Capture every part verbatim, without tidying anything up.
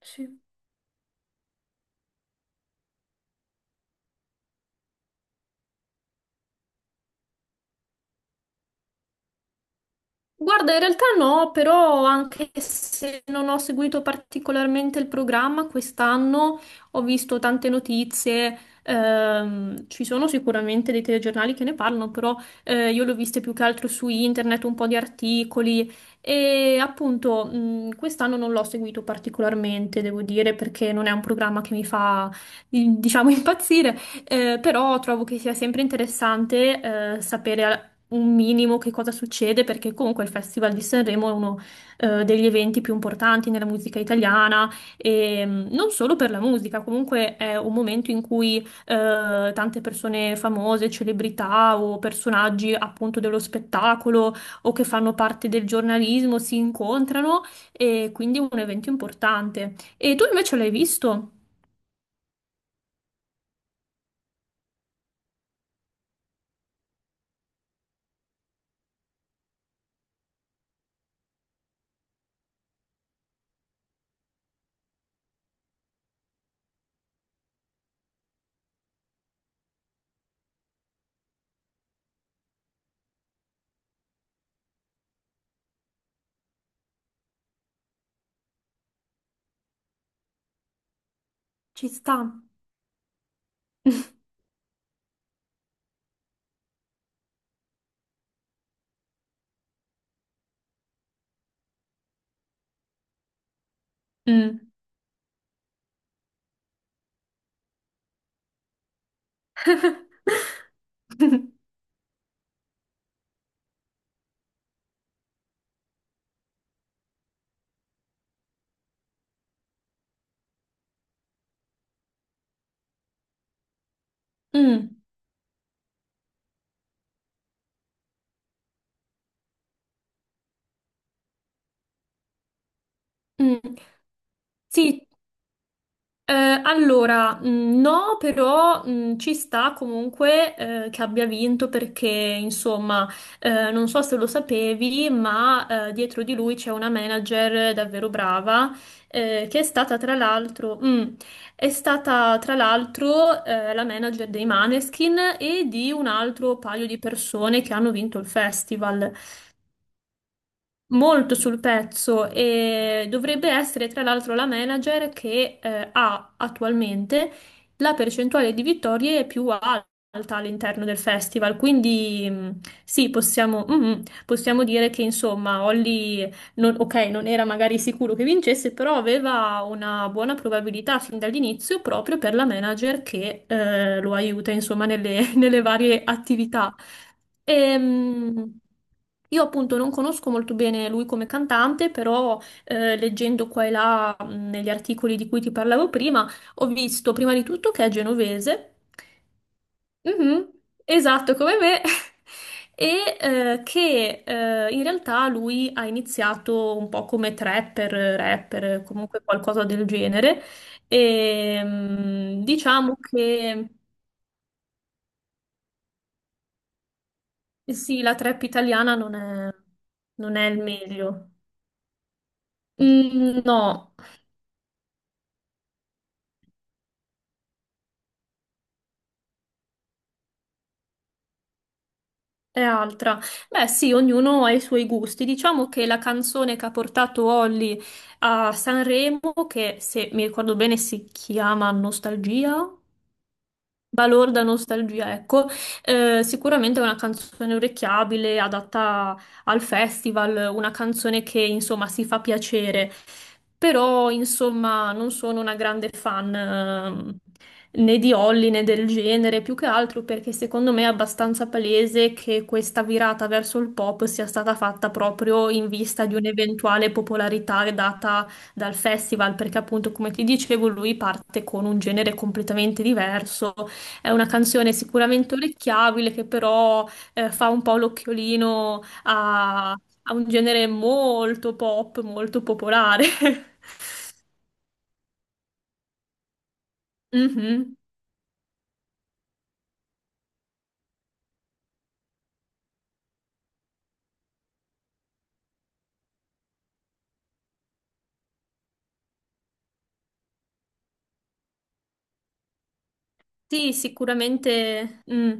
Sì. Guarda, in realtà no, però anche se non ho seguito particolarmente il programma, quest'anno ho visto tante notizie, ehm, ci sono sicuramente dei telegiornali che ne parlano, però eh, io le ho viste più che altro su internet, un po' di articoli e appunto mh, quest'anno non l'ho seguito particolarmente, devo dire, perché non è un programma che mi fa, diciamo, impazzire. Eh, però trovo che sia sempre interessante eh, sapere un minimo che cosa succede, perché comunque il Festival di Sanremo è uno eh, degli eventi più importanti nella musica italiana e mh, non solo per la musica, comunque è un momento in cui eh, tante persone famose, celebrità o personaggi appunto dello spettacolo o che fanno parte del giornalismo si incontrano e quindi è un evento importante. E tu invece l'hai visto? Ci sta. Mm. Mm, mm. Sì. Eh, allora, mh, no, però mh, ci sta comunque eh, che abbia vinto perché, insomma, eh, non so se lo sapevi, ma eh, dietro di lui c'è una manager davvero brava eh, che è stata tra l'altro mm, è stata tra l'altro eh, la manager dei Maneskin e di un altro paio di persone che hanno vinto il festival. Molto sul pezzo e dovrebbe essere tra l'altro la manager che eh, ha attualmente la percentuale di vittorie più alta all'interno del festival. Quindi mh, sì, possiamo, mm, mm, possiamo dire che insomma Holly, non- ok, non era magari sicuro che vincesse, però aveva una buona probabilità fin dall'inizio proprio per la manager che eh, lo aiuta insomma nelle nelle varie attività. Ehm, io appunto non conosco molto bene lui come cantante, però eh, leggendo qua e là mh, negli articoli di cui ti parlavo prima, ho visto prima di tutto che è genovese. Mhm, esatto come me, e eh, che eh, in realtà lui ha iniziato un po' come trapper, rapper, comunque qualcosa del genere, e diciamo che... Eh sì, la trap italiana non è, non è il meglio. Mm, no, è altra. Beh, sì, ognuno ha i suoi gusti. Diciamo che la canzone che ha portato Olly a Sanremo, che se mi ricordo bene si chiama Nostalgia, balorda nostalgia, ecco, eh sicuramente è una canzone orecchiabile, adatta al festival, una canzone che insomma si fa piacere, però insomma non sono una grande fan, ehm, né di Holly né del genere, più che altro perché secondo me è abbastanza palese che questa virata verso il pop sia stata fatta proprio in vista di un'eventuale popolarità data dal festival, perché appunto come ti dicevo lui parte con un genere completamente diverso. È una canzone sicuramente orecchiabile che però eh, fa un po' l'occhiolino a, a un genere molto pop, molto popolare. Mhm. Sì, sicuramente. Mm.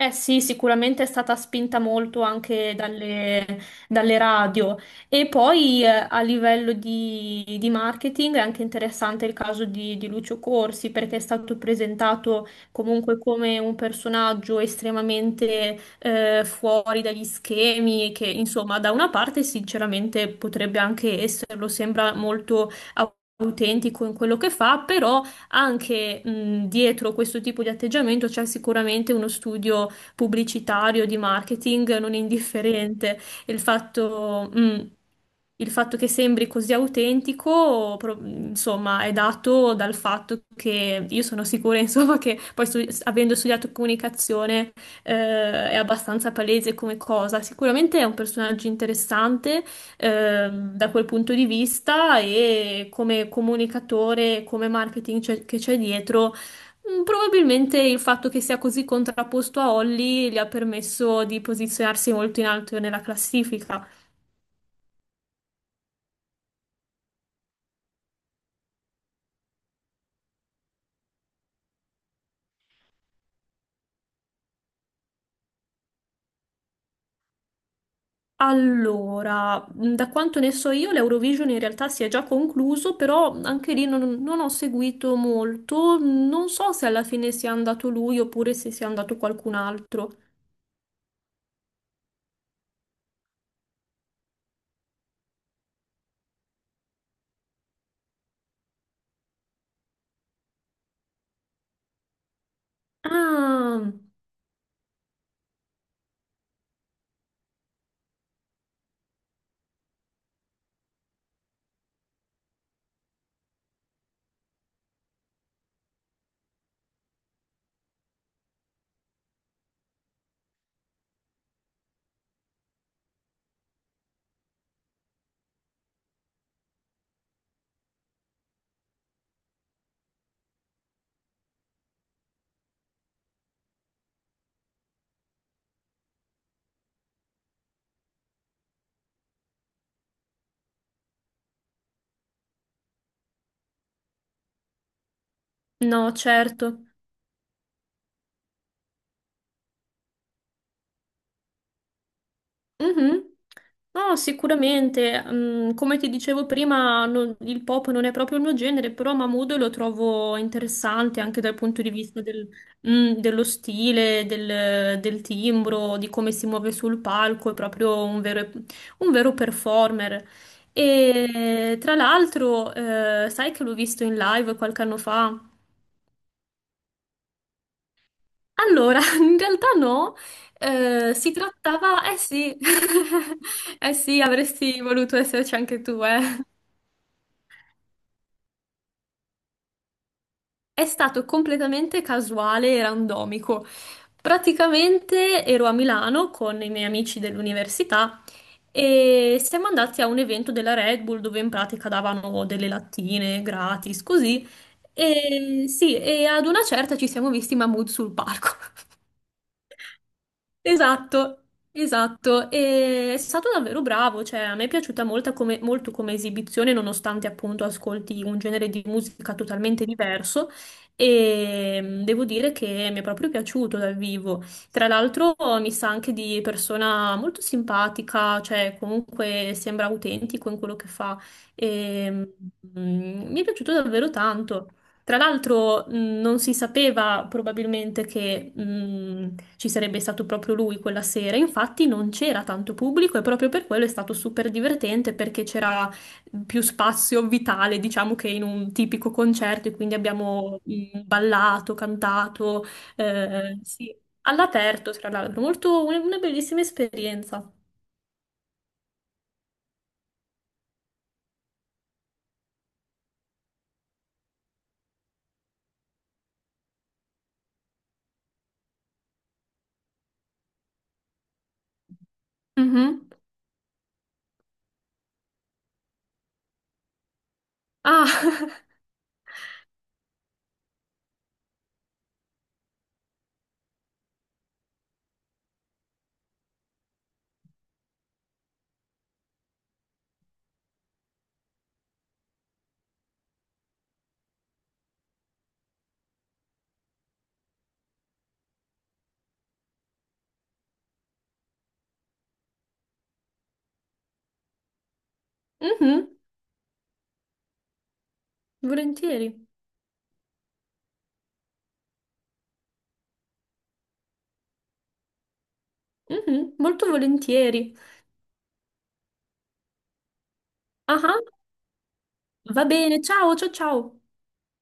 Eh sì, sicuramente è stata spinta molto anche dalle, dalle radio. E poi eh, a livello di, di marketing è anche interessante il caso di, di Lucio Corsi, perché è stato presentato comunque come un personaggio estremamente eh, fuori dagli schemi, che insomma da una parte sinceramente potrebbe anche esserlo, sembra molto au- autentico in quello che fa, però anche mh, dietro questo tipo di atteggiamento c'è sicuramente uno studio pubblicitario, di marketing non indifferente. Il fatto, mm, il fatto che sembri così autentico, pro- insomma, è dato dal fatto che io sono sicura, insomma, che poi stu- avendo studiato comunicazione, eh, è abbastanza palese come cosa. Sicuramente è un personaggio interessante, ehm, da quel punto di vista e come comunicatore, come marketing c'è- che c'è dietro. Mm, Probabilmente il fatto che sia così contrapposto a Holly gli ha permesso di posizionarsi molto in alto nella classifica. Allora, mm, da quanto ne so io, l'Eurovision in realtà si è già concluso, però anche lì non, non ho seguito molto. Non so se alla fine sia andato lui oppure se sia andato qualcun altro. Ah, no, certo. Mhm. No, sicuramente. Mm, come ti dicevo prima, non- il pop non è proprio il mio genere, però Mahmood lo trovo interessante anche dal punto di vista del- mm, dello stile, del, del timbro, di come si muove sul palco, è proprio un vero, e- un vero performer. E tra l'altro, eh, sai che l'ho visto in live qualche anno fa? Allora, in realtà no, eh, si trattava, eh sì, eh sì, avresti voluto esserci anche tu, eh. È stato completamente casuale e randomico. Praticamente ero a Milano con i miei amici dell'università e siamo andati a un evento della Red Bull dove in pratica davano delle lattine gratis, così. E sì, e ad una certa ci siamo visti i Mahmood sul palco. Esatto, esatto, e è stato davvero bravo, cioè a me è piaciuta molta come- molto come esibizione, nonostante appunto ascolti un genere di musica totalmente diverso e mm, devo dire che mi è proprio piaciuto dal vivo. Tra l'altro mi sa anche di persona molto simpatica, cioè comunque sembra autentico in quello che fa e mm, mm, mi è piaciuto davvero tanto. Tra l'altro, mh, non si sapeva probabilmente che mh, ci sarebbe stato proprio lui quella sera, infatti non c'era tanto pubblico e proprio per quello è stato super divertente perché c'era più spazio vitale, diciamo, che in un tipico concerto e quindi abbiamo mh, ballato, cantato, eh sì, all'aperto, tra l'altro, molto una una bellissima esperienza. Mhm. Ah, mhm, volentieri, Mhm, molto volentieri. Ah. Ah. Va bene, ciao, ciao, ciao.